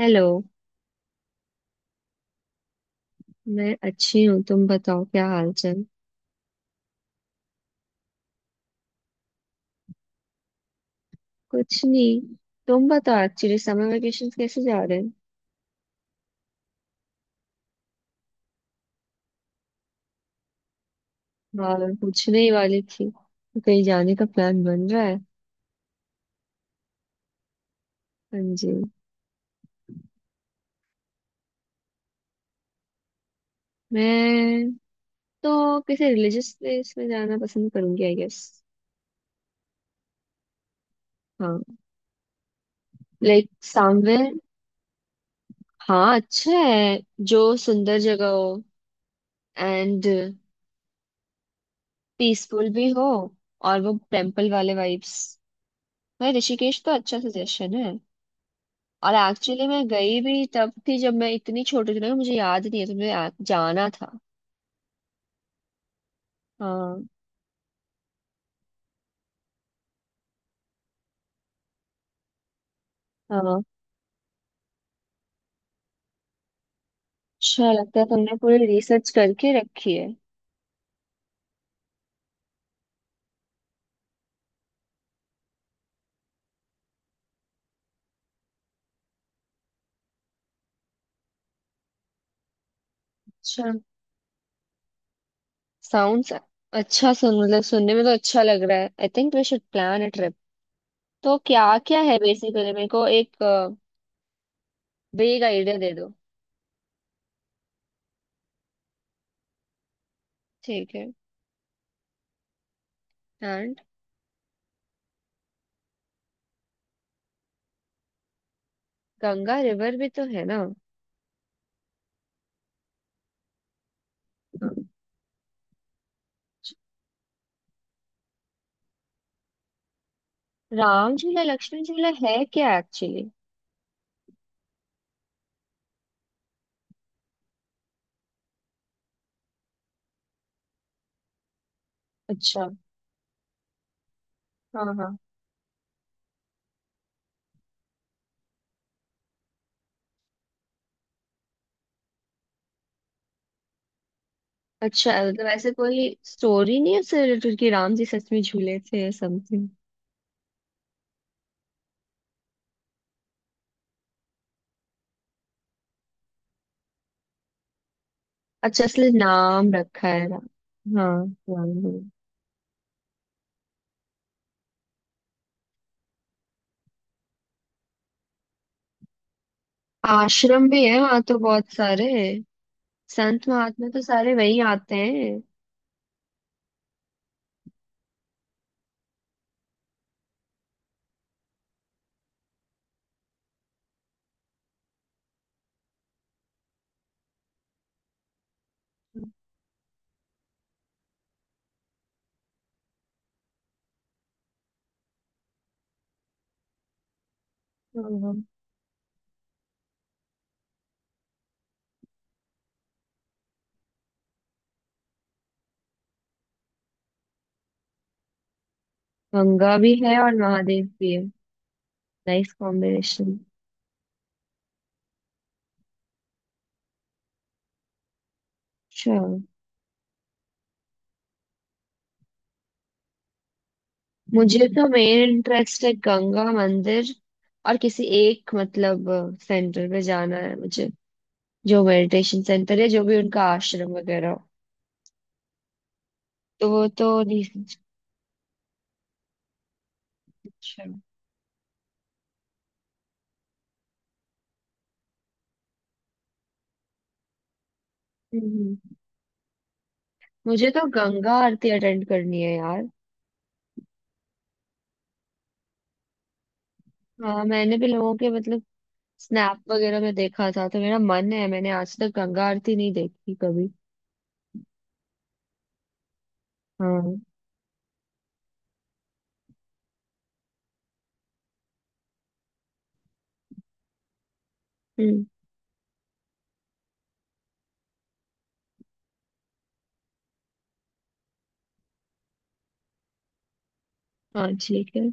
Hello. मैं अच्छी हूँ, तुम बताओ, क्या हाल चाल? कुछ नहीं। तुम बताओ, एक्चुअली समर वेकेशन कैसे जा रहे हैं? और पूछने ही वाली थी, तो कहीं जाने का प्लान बन रहा है? हाँ जी। मैं तो किसी रिलीजियस प्लेस में जाना पसंद करूंगी, आई गेस। हाँ, लाइक समवेयर। हाँ, अच्छा है। जो सुंदर जगह हो एंड पीसफुल भी हो। और वो टेम्पल वाले वाइब्स। भाई, ऋषिकेश तो अच्छा सजेशन है। और एक्चुअली मैं गई भी तब थी जब मैं इतनी छोटी थी ना, मुझे याद नहीं है, तो मुझे जाना था। हाँ हाँ। अच्छा लगता है, तुमने पूरी रिसर्च करके रखी है। अच्छा। साउंड्स अच्छा, सुन मतलब सुनने में तो अच्छा लग रहा है। I think we should plan a trip. तो क्या क्या है बेसिकली? मेरे को एक बेग आइडिया दे दो। ठीक है। एंड गंगा रिवर भी तो है ना? राम झूला लक्ष्मण झूला है क्या एक्चुअली? अच्छा। हाँ हाँ। अच्छा, मतलब ऐसे कोई स्टोरी नहीं है उससे रिलेटेड कि राम जी सच में झूले थे समथिंग? अच्छा, इसलिए नाम रखा है राम। हाँ। राम जी। आश्रम भी है वहां तो बहुत सारे, संत महात्मा तो सारे वहीं आते हैं। हाँ, गंगा भी है और महादेव भी है। Nice combination. अच्छा। मुझे तो मेन इंटरेस्ट है गंगा मंदिर और किसी एक मतलब सेंटर पे जाना है मुझे, जो मेडिटेशन सेंटर है, जो भी उनका आश्रम वगैरह हो। तो वो तो नहीं- सोच-। अच्छा। हम्म। मुझे तो गंगा आरती अटेंड करनी है यार। हाँ, मैंने भी लोगों के मतलब स्नैप वगैरह में देखा था तो मेरा मन है, मैंने आज तक गंगा आरती नहीं देखी कभी। हाँ। हम्म। हाँ, ठीक है।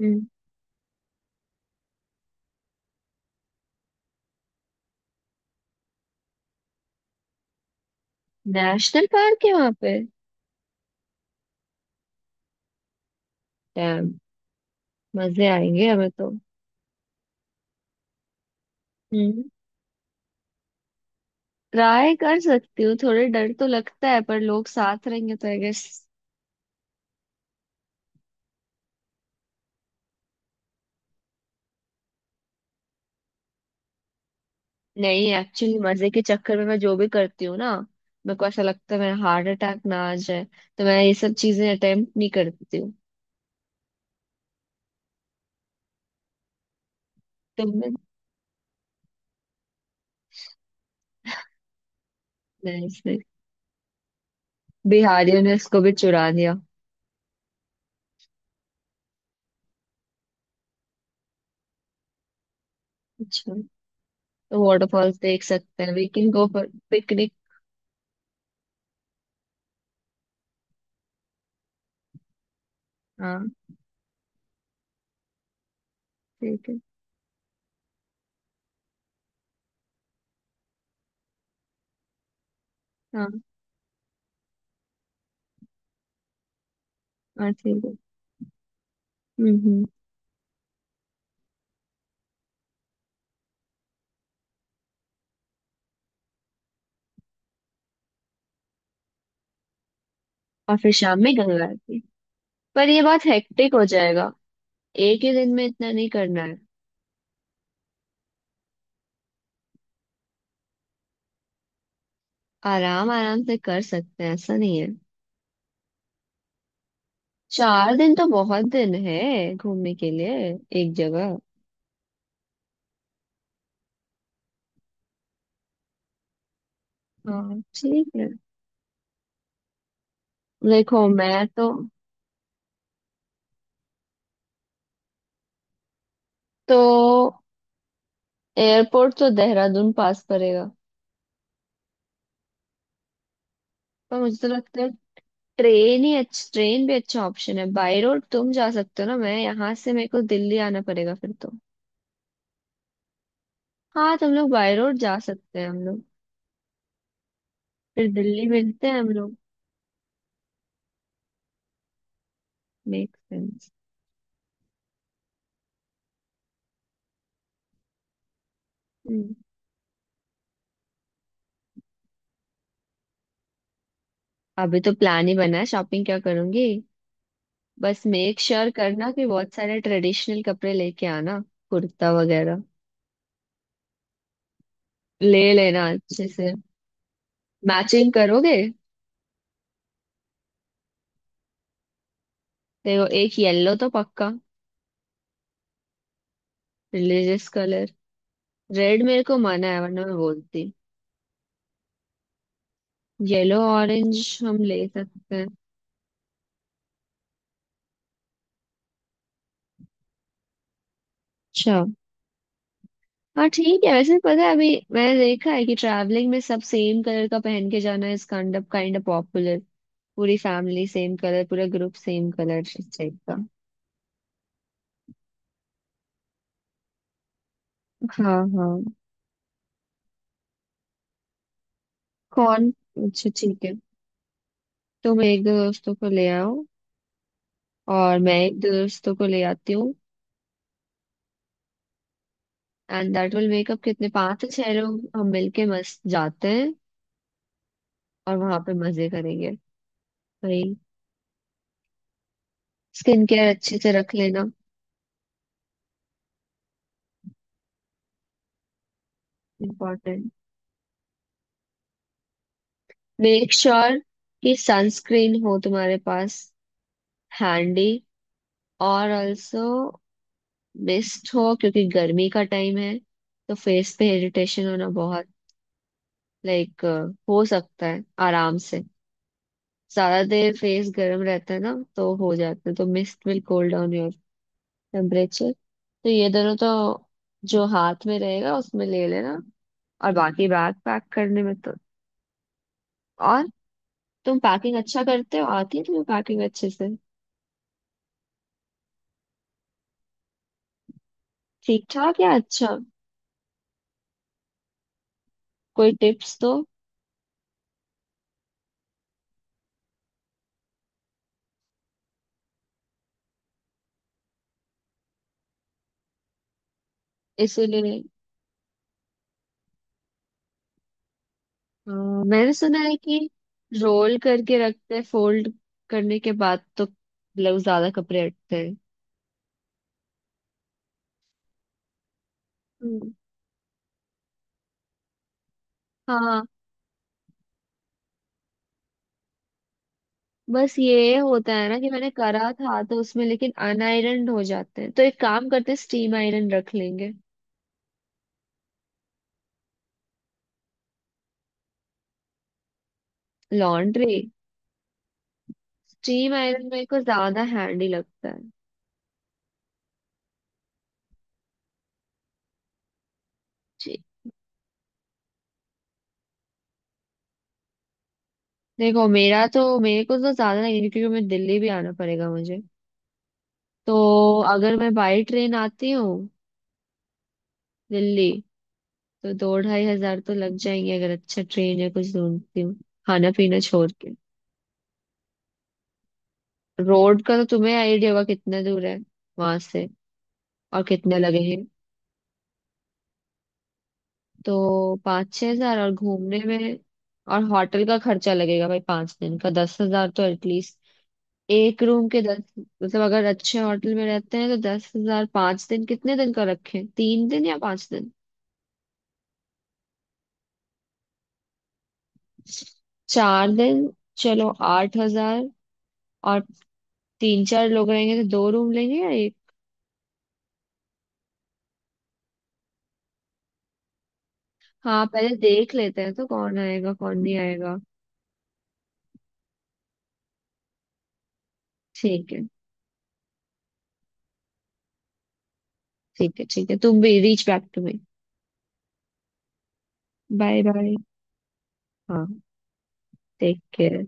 हम्म। नेशनल पार्क है वहां पे? डैम, मजे आएंगे हमें तो। हम्म। ट्राई कर सकती हूँ, थोड़े डर तो लगता है, पर लोग साथ रहेंगे तो आई गेस। नहीं, एक्चुअली मजे के चक्कर में मैं जो भी करती हूँ ना, मेरे को ऐसा लगता है मेरा हार्ट अटैक ना आ जाए, तो मैं ये सब चीजें अटेम्प्ट नहीं करती हूँ। तो मैं इसमें- बिहारियों ने इसको भी चुरा दिया। अच्छा। तो वाटरफॉल्स देख सकते हैं, we can go for picnic. हाँ, ठीक है। हाँ हाँ, ठीक है। हम्म। और फिर शाम में गंगा आरती। पर ये बहुत हेक्टिक हो जाएगा। एक ही दिन में इतना नहीं करना है। आराम आराम से कर सकते हैं, ऐसा नहीं है। 4 दिन तो बहुत दिन है घूमने के लिए एक जगह। हाँ, ठीक है। देखो, मैं तो एयरपोर्ट तो देहरादून पास पड़ेगा, पर मुझे तो लगता है ट्रेन ही अच्छा, ट्रेन भी अच्छा ऑप्शन है। बाई रोड तुम जा सकते हो ना, मैं यहाँ से- मेरे को दिल्ली आना पड़ेगा फिर तो। हाँ, तुम लोग बाई रोड जा सकते हैं, हम लोग फिर दिल्ली मिलते हैं हम लोग। Make sense. हम्म। अभी तो प्लान ही बना है, शॉपिंग क्या करूंगी। बस मेक श्योर sure करना कि बहुत सारे ट्रेडिशनल कपड़े लेके आना, कुर्ता वगैरह ले लेना अच्छे से। मैचिंग करोगे? देखो, एक येलो तो पक्का, रिलीजियस कलर। रेड मेरे को मना है, वरना मैं बोलती। येलो, ऑरेंज हम ले सकते हैं। अच्छा। हाँ, ठीक है। वैसे पता है, अभी मैंने देखा है कि ट्रैवलिंग में सब सेम कलर का पहन के जाना इज काइंड ऑफ पॉपुलर। पूरी फैमिली सेम कलर, पूरा ग्रुप सेम कलर टाइप का। हाँ हाँ। कौन? अच्छा, ठीक है। तुम एक दो दोस्तों को ले आओ और मैं एक दो दोस्तों को ले आती हूँ। एंड दैट विल मेकअप कितने, पांच से छह लोग, हम मिलके मस्त जाते हैं। और वहां पे मजे करेंगे भाई। स्किन केयर अच्छे से रख लेना, इम्पोर्टेंट। मेक श्योर कि सनस्क्रीन हो तुम्हारे पास हैंडी, और ऑल्सो मिस्ट हो, क्योंकि गर्मी का टाइम है। तो फेस पे इरिटेशन होना बहुत लाइक हो सकता है आराम से, ज्यादा देर फेस गर्म रहता है ना तो हो जाता है, तो mist will cool down your temperature. तो ये दोनों तो जो हाथ में रहेगा उसमें ले लेना। और बाकी बैग पैक करने में तो, और तुम पैकिंग अच्छा करते हो? आती है तुम्हें पैकिंग अच्छे से? ठीक ठाक या अच्छा? कोई टिप्स दो। इसीलिए अ, मैंने सुना है कि रोल करके रखते हैं, फोल्ड करने के बाद तो मतलब ज्यादा कपड़े हटते हैं। हम्म। हाँ, बस ये होता है ना कि मैंने करा था तो उसमें, लेकिन अनआयरन हो जाते हैं, तो एक काम करते हैं, स्टीम आयरन रख लेंगे। लॉन्ड्री। स्टीम आयरन मेरे को ज्यादा हैंडी लगता है। जी। देखो, मेरा तो- मेरे को तो ज्यादा नहीं, क्योंकि मैं दिल्ली भी आना पड़ेगा मुझे तो। अगर मैं बाई ट्रेन आती हूँ दिल्ली, तो दो ढाई हजार तो लग जाएंगे अगर अच्छा ट्रेन या कुछ ढूंढती हूँ, खाना पीना छोड़ के। रोड का तो तुम्हें आइडिया होगा कितना दूर है वहां से और कितने लगेंगे। तो 5-6 हजार, और घूमने में और होटल का खर्चा लगेगा भाई। 5 दिन का 10,000 तो एटलीस्ट, एक रूम के दस। मतलब अगर अच्छे होटल में रहते हैं तो 10,000 5 दिन। कितने दिन का रखें, 3 दिन या 5 दिन? 4 दिन। चलो, 8,000। और तीन चार लोग रहेंगे तो दो रूम लेंगे या एक? हाँ, पहले देख लेते हैं तो कौन आएगा कौन नहीं आएगा। ठीक है। ठीक है ठीक है, तुम भी reach back to me. Bye bye. हाँ। Take care.